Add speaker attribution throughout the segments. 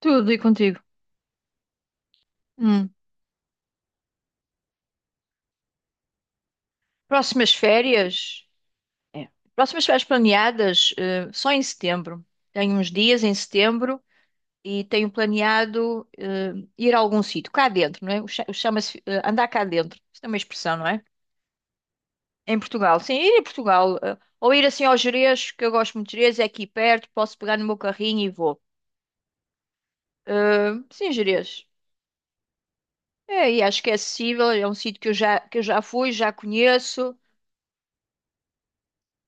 Speaker 1: Tudo e contigo. Hum. Próximas férias? É. Próximas férias planeadas, só em setembro. Tenho uns dias em setembro e tenho planeado, ir a algum sítio, cá dentro, não é? O chama-se, andar cá dentro. Isso é uma expressão, não é? Em Portugal. Sim, ir a Portugal. Ou ir assim ao Gerês, que eu gosto muito de Gerês, é aqui perto, posso pegar no meu carrinho e vou. Sim, Gerês. É, e acho que é acessível, é um sítio que eu já fui, já conheço.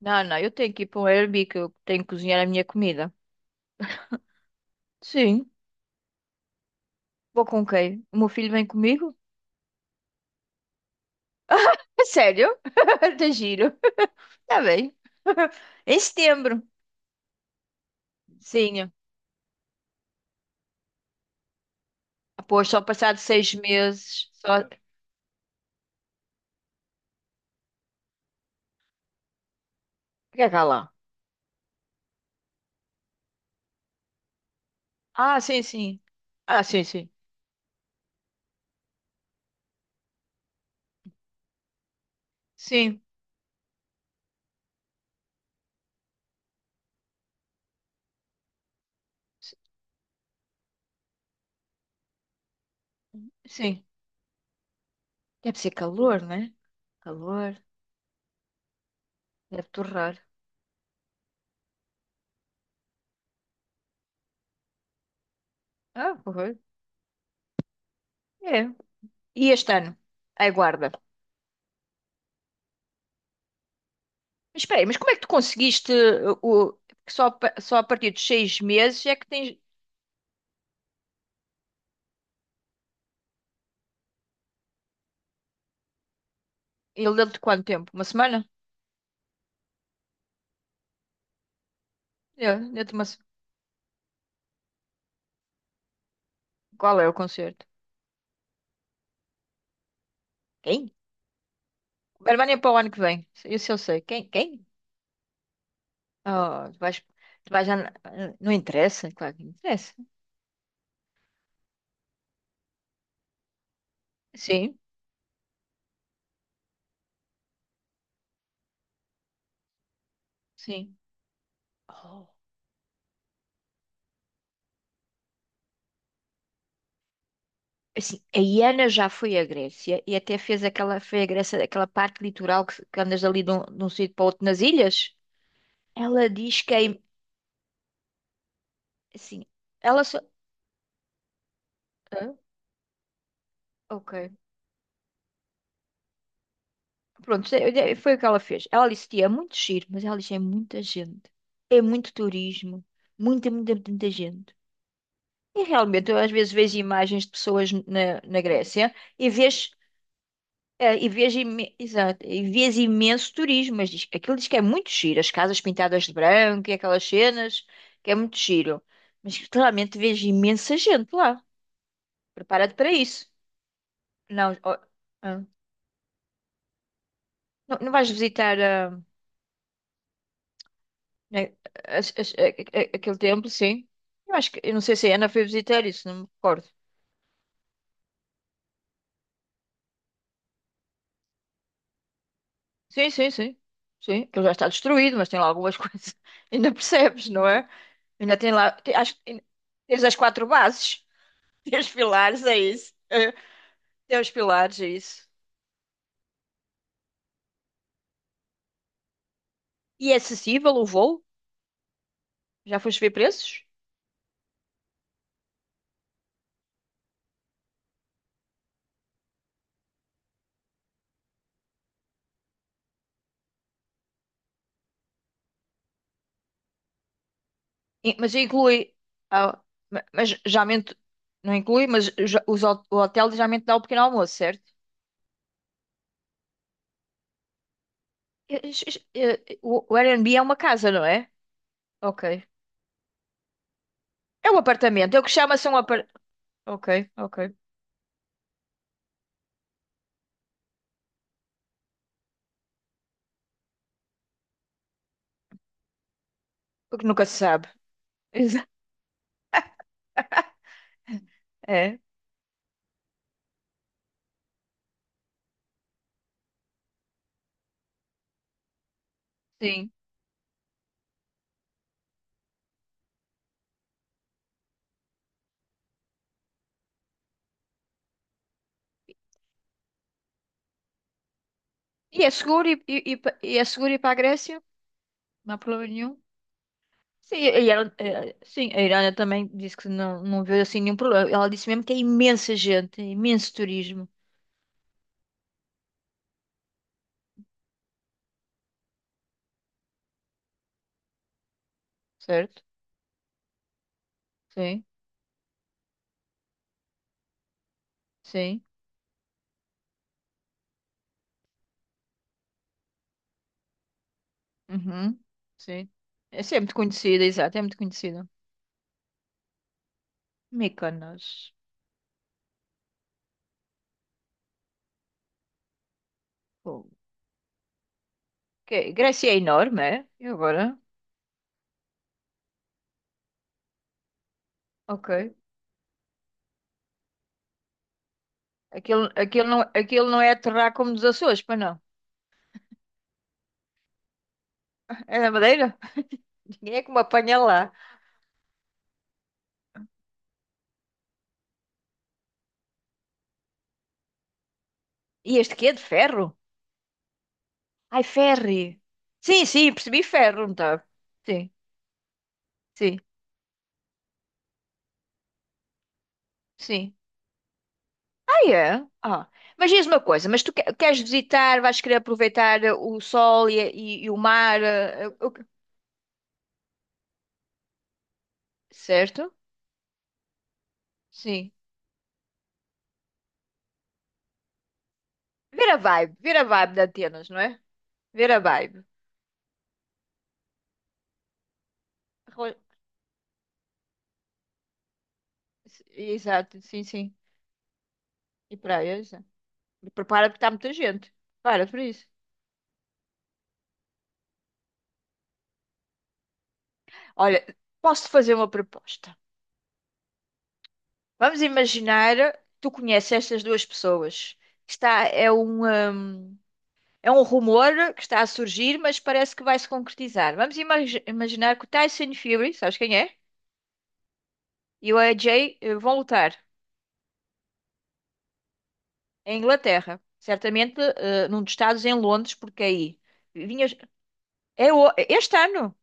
Speaker 1: Não, não, eu tenho que ir para um Airbnb que eu tenho que cozinhar a minha comida. Sim, vou com quem? O meu filho vem comigo? É sério? Tá giro. Tá bem. Em setembro. Sim. Pois, só passado 6 meses. Só. O que é que há lá? Ah, sim, sim. Ah, sim, sim. Sim, s- sim. Deve ser calor, né? Calor. Deve torrar. Ah, porra. É. E este ano? Aguarda. Mas espera aí, mas como é que tu conseguiste porque só, só a partir dos 6 meses é que tens... Ele deu-te quanto tempo? Uma semana? É. Deu-te uma... se- Qual é o concerto? Quem? A Albânia é para o ano que vem. Isso eu sei. Quem? Quem? Oh, tu vais... Tu vais já... Não interessa? Claro que interessa. Sim, sim. Oh. Assim, a Iana já foi à Grécia e até fez aquela... Foi à Grécia, aquela parte litoral que andas ali de um sítio para outro nas ilhas. Ela diz que é... Assim, ela só... Hã? Ok. Pronto, foi o que ela fez. Ela disse, tia, é muito giro, mas ela disse, é muita gente. É muito turismo. Muita, muita, muita gente. E realmente, eu às vezes vejo imagens de pessoas na Grécia e vês, exato, e vês imenso turismo, mas diz, aquilo diz que é muito giro. As casas pintadas de branco e aquelas cenas, que é muito giro. Mas claramente vejo imensa gente lá. Prepara-te para isso. Não, oh, ah, não, não vais visitar. É, aquele templo, sim. Eu não sei se a Ana foi visitar isso, não me recordo. Sim, sim, sim. Sim, aquilo já está destruído, mas tem lá algumas coisas. Ainda percebes, não é? Ainda tem lá, acho que ainda... Tens as quatro bases, tem os pilares, é isso. É. Tem os pilares, é isso. E é acessível o voo? Já foste ver preços? Mas inclui, ah, mas já mente, não inclui, mas o hotel já mente dá o pequeno almoço, certo? E- e- o Airbnb é uma casa, não é? Ok. É um apartamento. É o que chama-se um apartamento. Ok, ok. Porque nunca se sabe. Exa- É, sim. E é seguro e é seguro ir para a Grécia? Não há problema nenhum. Sim, e ela, sim, a Irana também disse que não, não vê assim nenhum problema. Ela disse mesmo que é imensa gente, é imenso turismo. Certo? Sim, sim. Uhum. Sim. Essa é muito conhecida, exato, é muito conhecida. Mykonos. Pô. Ok, Grécia é enorme, é? E agora? Ok. Aquilo, aquilo não é terra como dos Açores, pois não? É na Madeira? Ninguém é que me apanha lá. E este quê? De ferro? Ai, ferry. Sim, sim, percebi ferro, não tá? Sim, sim, sim. Ah, é? Ah. Mas diz uma coisa, mas tu queres visitar, vais querer aproveitar o sol e o mar, certo? Sim. Ver a vibe de Atenas, não é? Ver a vibe. Arro- Exato, sim, sim. E praias. E prepara porque está muita gente. Para por isso. Olha, posso fazer uma proposta. Vamos imaginar, tu conheces estas duas pessoas. Está, é um rumor que está a surgir, mas parece que vai se concretizar. Vamos imaginar que o Tyson Fury, sabes quem é? E o AJ vão lutar em Inglaterra, certamente num dos estados em Londres, porque aí vinhas, é o- este ano,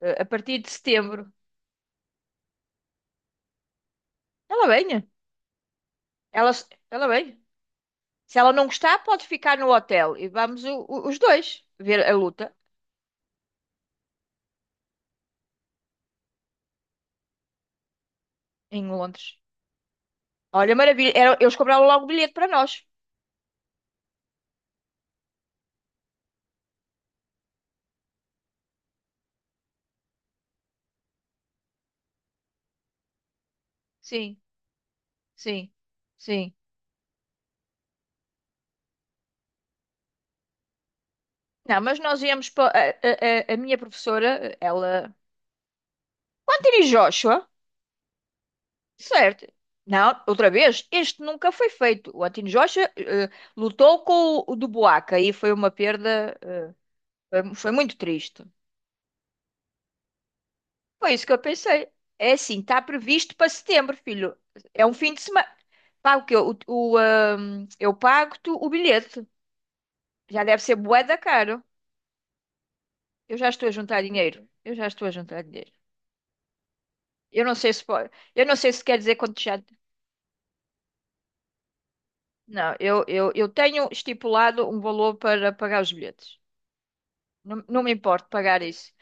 Speaker 1: a partir de setembro. Ela vem, ela, ela vem. Se ela não gostar, pode ficar no hotel e vamos os dois ver a luta. Em Londres. Olha, maravilha. Eles cobraram logo o bilhete para nós. Sim, sim, sim. Não, mas nós íamos para. A minha professora, ela. O Anthony Joshua, certo. Não, outra vez, este nunca foi feito. O Anthony Joshua lutou com o do Buaca e foi uma perda. Foi muito triste. Foi isso que eu pensei. É assim, está previsto para setembro, filho. É um fim de semana. Pago que eu, o, ah, Eu pago-te o bilhete. Já deve ser bué da caro. Eu já estou a juntar dinheiro. Eu já estou a juntar dinheiro. Eu não sei se pode, eu não sei se quer dizer quanto já. Não, eu tenho estipulado um valor para pagar os bilhetes. Não, não me importo pagar isso.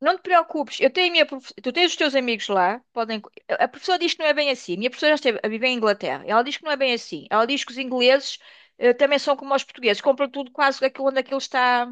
Speaker 1: Não te preocupes, eu tenho a minha prof... tu tens os teus amigos lá, podem. A professora diz que não é bem assim. Minha professora já esteve a viver em Inglaterra. Ela diz que não é bem assim. Ela diz que os ingleses também são como os portugueses, compram tudo quase aquilo onde aquilo está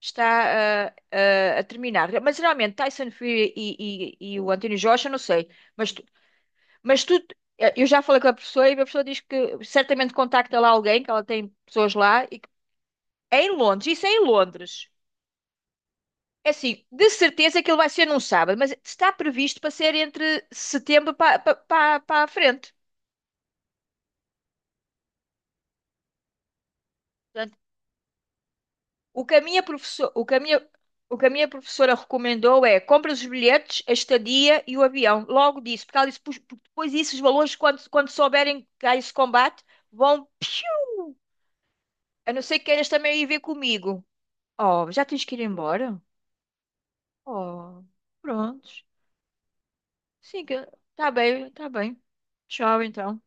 Speaker 1: está a terminar. Mas geralmente Tyson Fury e o Anthony Joshua, não sei. Mas Mas tu, eu já falei com a pessoa e a pessoa diz que certamente contacta lá alguém, que ela tem pessoas lá, e que é em Londres, isso é em Londres. É assim, de certeza que ele vai ser num sábado, mas está previsto para ser entre setembro para para a frente. Portanto, o que a minha professora, o que a minha, o que a minha professora recomendou é compra os bilhetes, a estadia e o avião. Logo disso, porque ela disse: "Pois, porque depois disso os valores, quando souberem que há esse combate, vão... piu! A não ser que queiras também ir ver comigo. Oh, já tens que ir embora? Oh, prontos. Sim que tá bem, tá bem. Tchau, então.